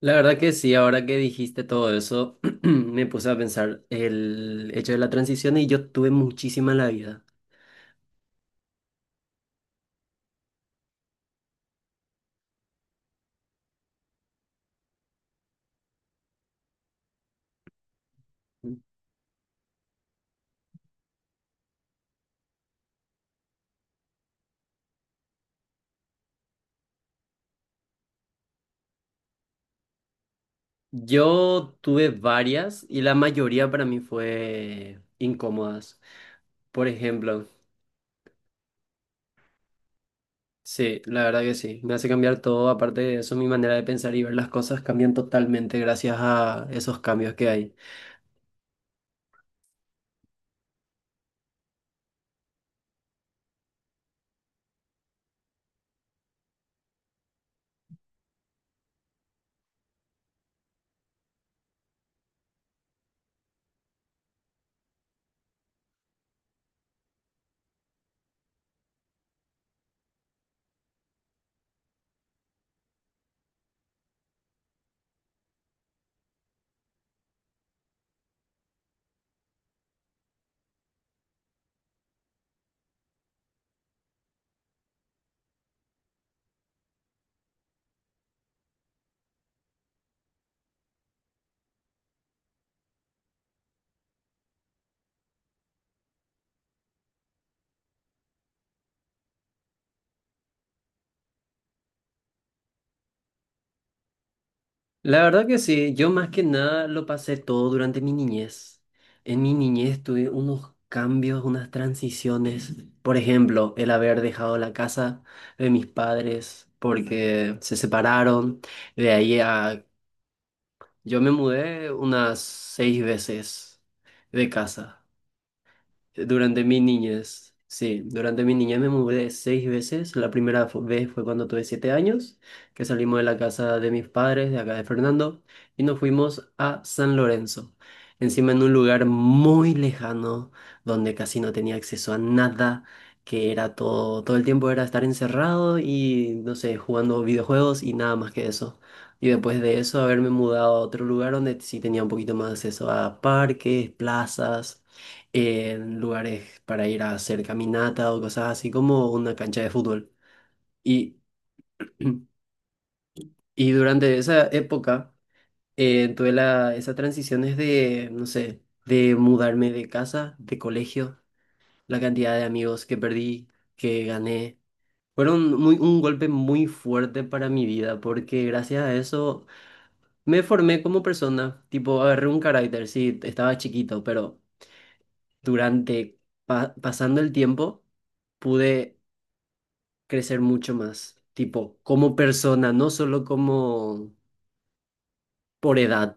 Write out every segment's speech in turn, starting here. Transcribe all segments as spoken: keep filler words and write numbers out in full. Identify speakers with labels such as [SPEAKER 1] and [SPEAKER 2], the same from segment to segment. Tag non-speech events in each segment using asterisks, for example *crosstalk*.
[SPEAKER 1] La verdad que sí, ahora que dijiste todo eso, *clears throat* me puse a pensar el hecho de la transición y yo tuve muchísima en la vida. Yo tuve varias y la mayoría para mí fue incómodas. Por ejemplo, sí, la verdad que sí, me hace cambiar todo. Aparte de eso, mi manera de pensar y ver las cosas cambian totalmente gracias a esos cambios que hay. La verdad que sí, yo más que nada lo pasé todo durante mi niñez. En mi niñez tuve unos cambios, unas transiciones. Por ejemplo, el haber dejado la casa de mis padres porque se separaron. De ahí a... Yo me mudé unas seis veces de casa. Durante mi niñez, sí, durante mi niñez me mudé seis veces. La primera fu- vez fue cuando tuve siete años, que salimos de la casa de mis padres, de acá de Fernando, y nos fuimos a San Lorenzo. Encima en un lugar muy lejano, donde casi no tenía acceso a nada, que era todo, todo el tiempo era estar encerrado y, no sé, jugando videojuegos y nada más que eso. Y después de eso, haberme mudado a otro lugar donde sí tenía un poquito más acceso a parques, plazas en lugares para ir a hacer caminata o cosas así como una cancha de fútbol. Y, *clears throat* y durante esa época eh, tuve la, esas transiciones de, no sé, de mudarme de casa, de colegio, la cantidad de amigos que perdí, que gané. Fueron muy, un golpe muy fuerte para mi vida porque gracias a eso me formé como persona, tipo agarré un carácter, sí, estaba chiquito, pero durante, pa- pasando el tiempo pude crecer mucho más, tipo, como persona, no solo como por edad,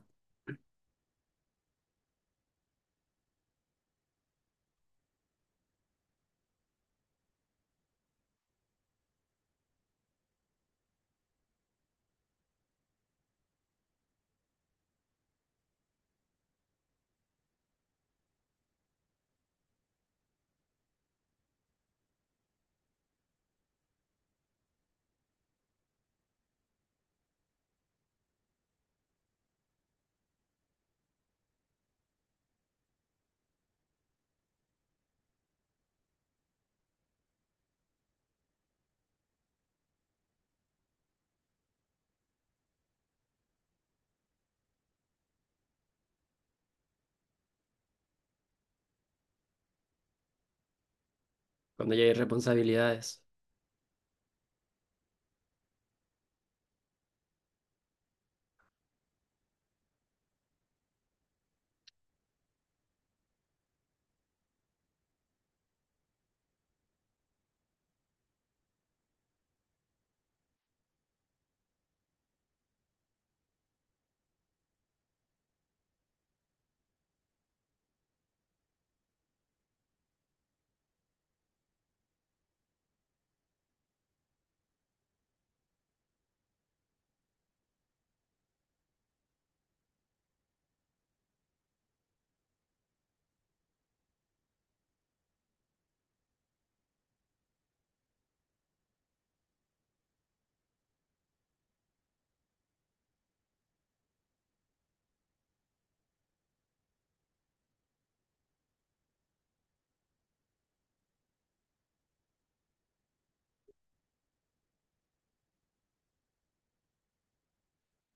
[SPEAKER 1] cuando ya hay responsabilidades.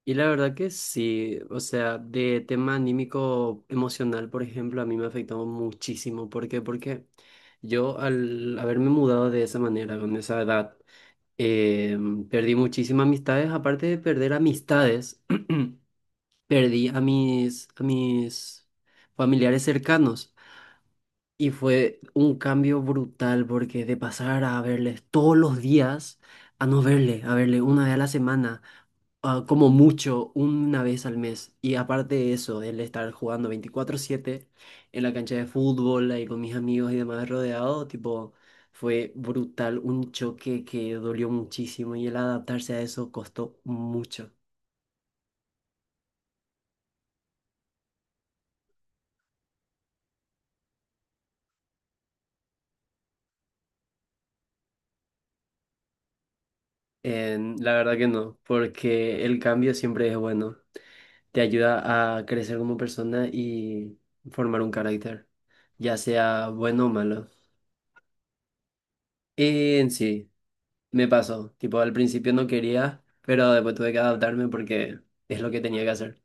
[SPEAKER 1] Y la verdad que sí, o sea, de tema anímico emocional, por ejemplo, a mí me afectó muchísimo. ¿Por qué? Porque yo al haberme mudado de esa manera, con esa edad, eh, perdí muchísimas amistades. Aparte de perder amistades, *clears throat* perdí a mis, a mis familiares cercanos. Y fue un cambio brutal porque de pasar a verles todos los días a no verle, a verle una vez a la semana, ah, como mucho, una vez al mes. Y aparte de eso, el estar jugando veinticuatro siete en la cancha de fútbol, ahí con mis amigos y demás rodeado, tipo, fue brutal, un choque que dolió muchísimo y el adaptarse a eso costó mucho. En- la verdad que no, porque el cambio siempre es bueno. Te ayuda a crecer como persona y formar un carácter, ya sea bueno o malo. Y en sí, me pasó, tipo al principio no quería, pero después tuve que adaptarme porque es lo que tenía que hacer.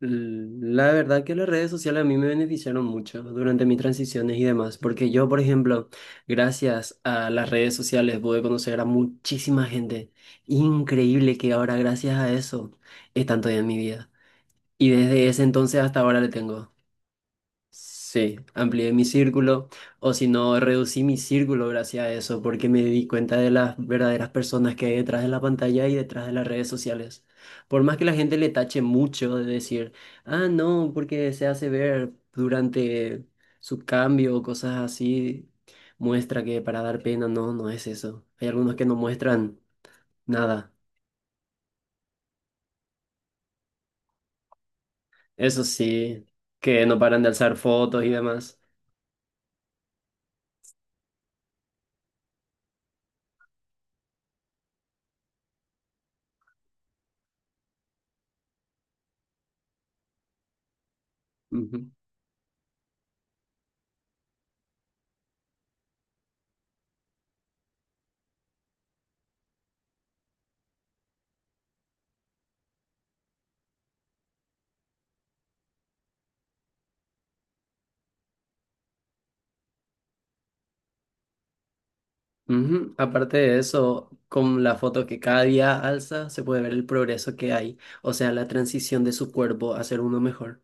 [SPEAKER 1] Mm, la verdad que las redes sociales a mí me beneficiaron mucho durante mis transiciones y demás, porque yo, por ejemplo, gracias a las redes sociales pude conocer a muchísima gente increíble que ahora gracias a eso están todavía en mi vida. Y desde ese entonces hasta ahora le tengo. Sí, amplié mi círculo, o si no, reducí mi círculo gracias a eso, porque me di cuenta de las verdaderas personas que hay detrás de la pantalla y detrás de las redes sociales. Por más que la gente le tache mucho de decir, ah, no, porque se hace ver durante su cambio o cosas así, muestra que para dar pena, no, no es eso. Hay algunos que no muestran nada. Eso sí, que no paran de alzar fotos y demás. Ujú, aparte de eso, con la foto que cada día alza, se puede ver el progreso que hay, o sea, la transición de su cuerpo a ser uno mejor.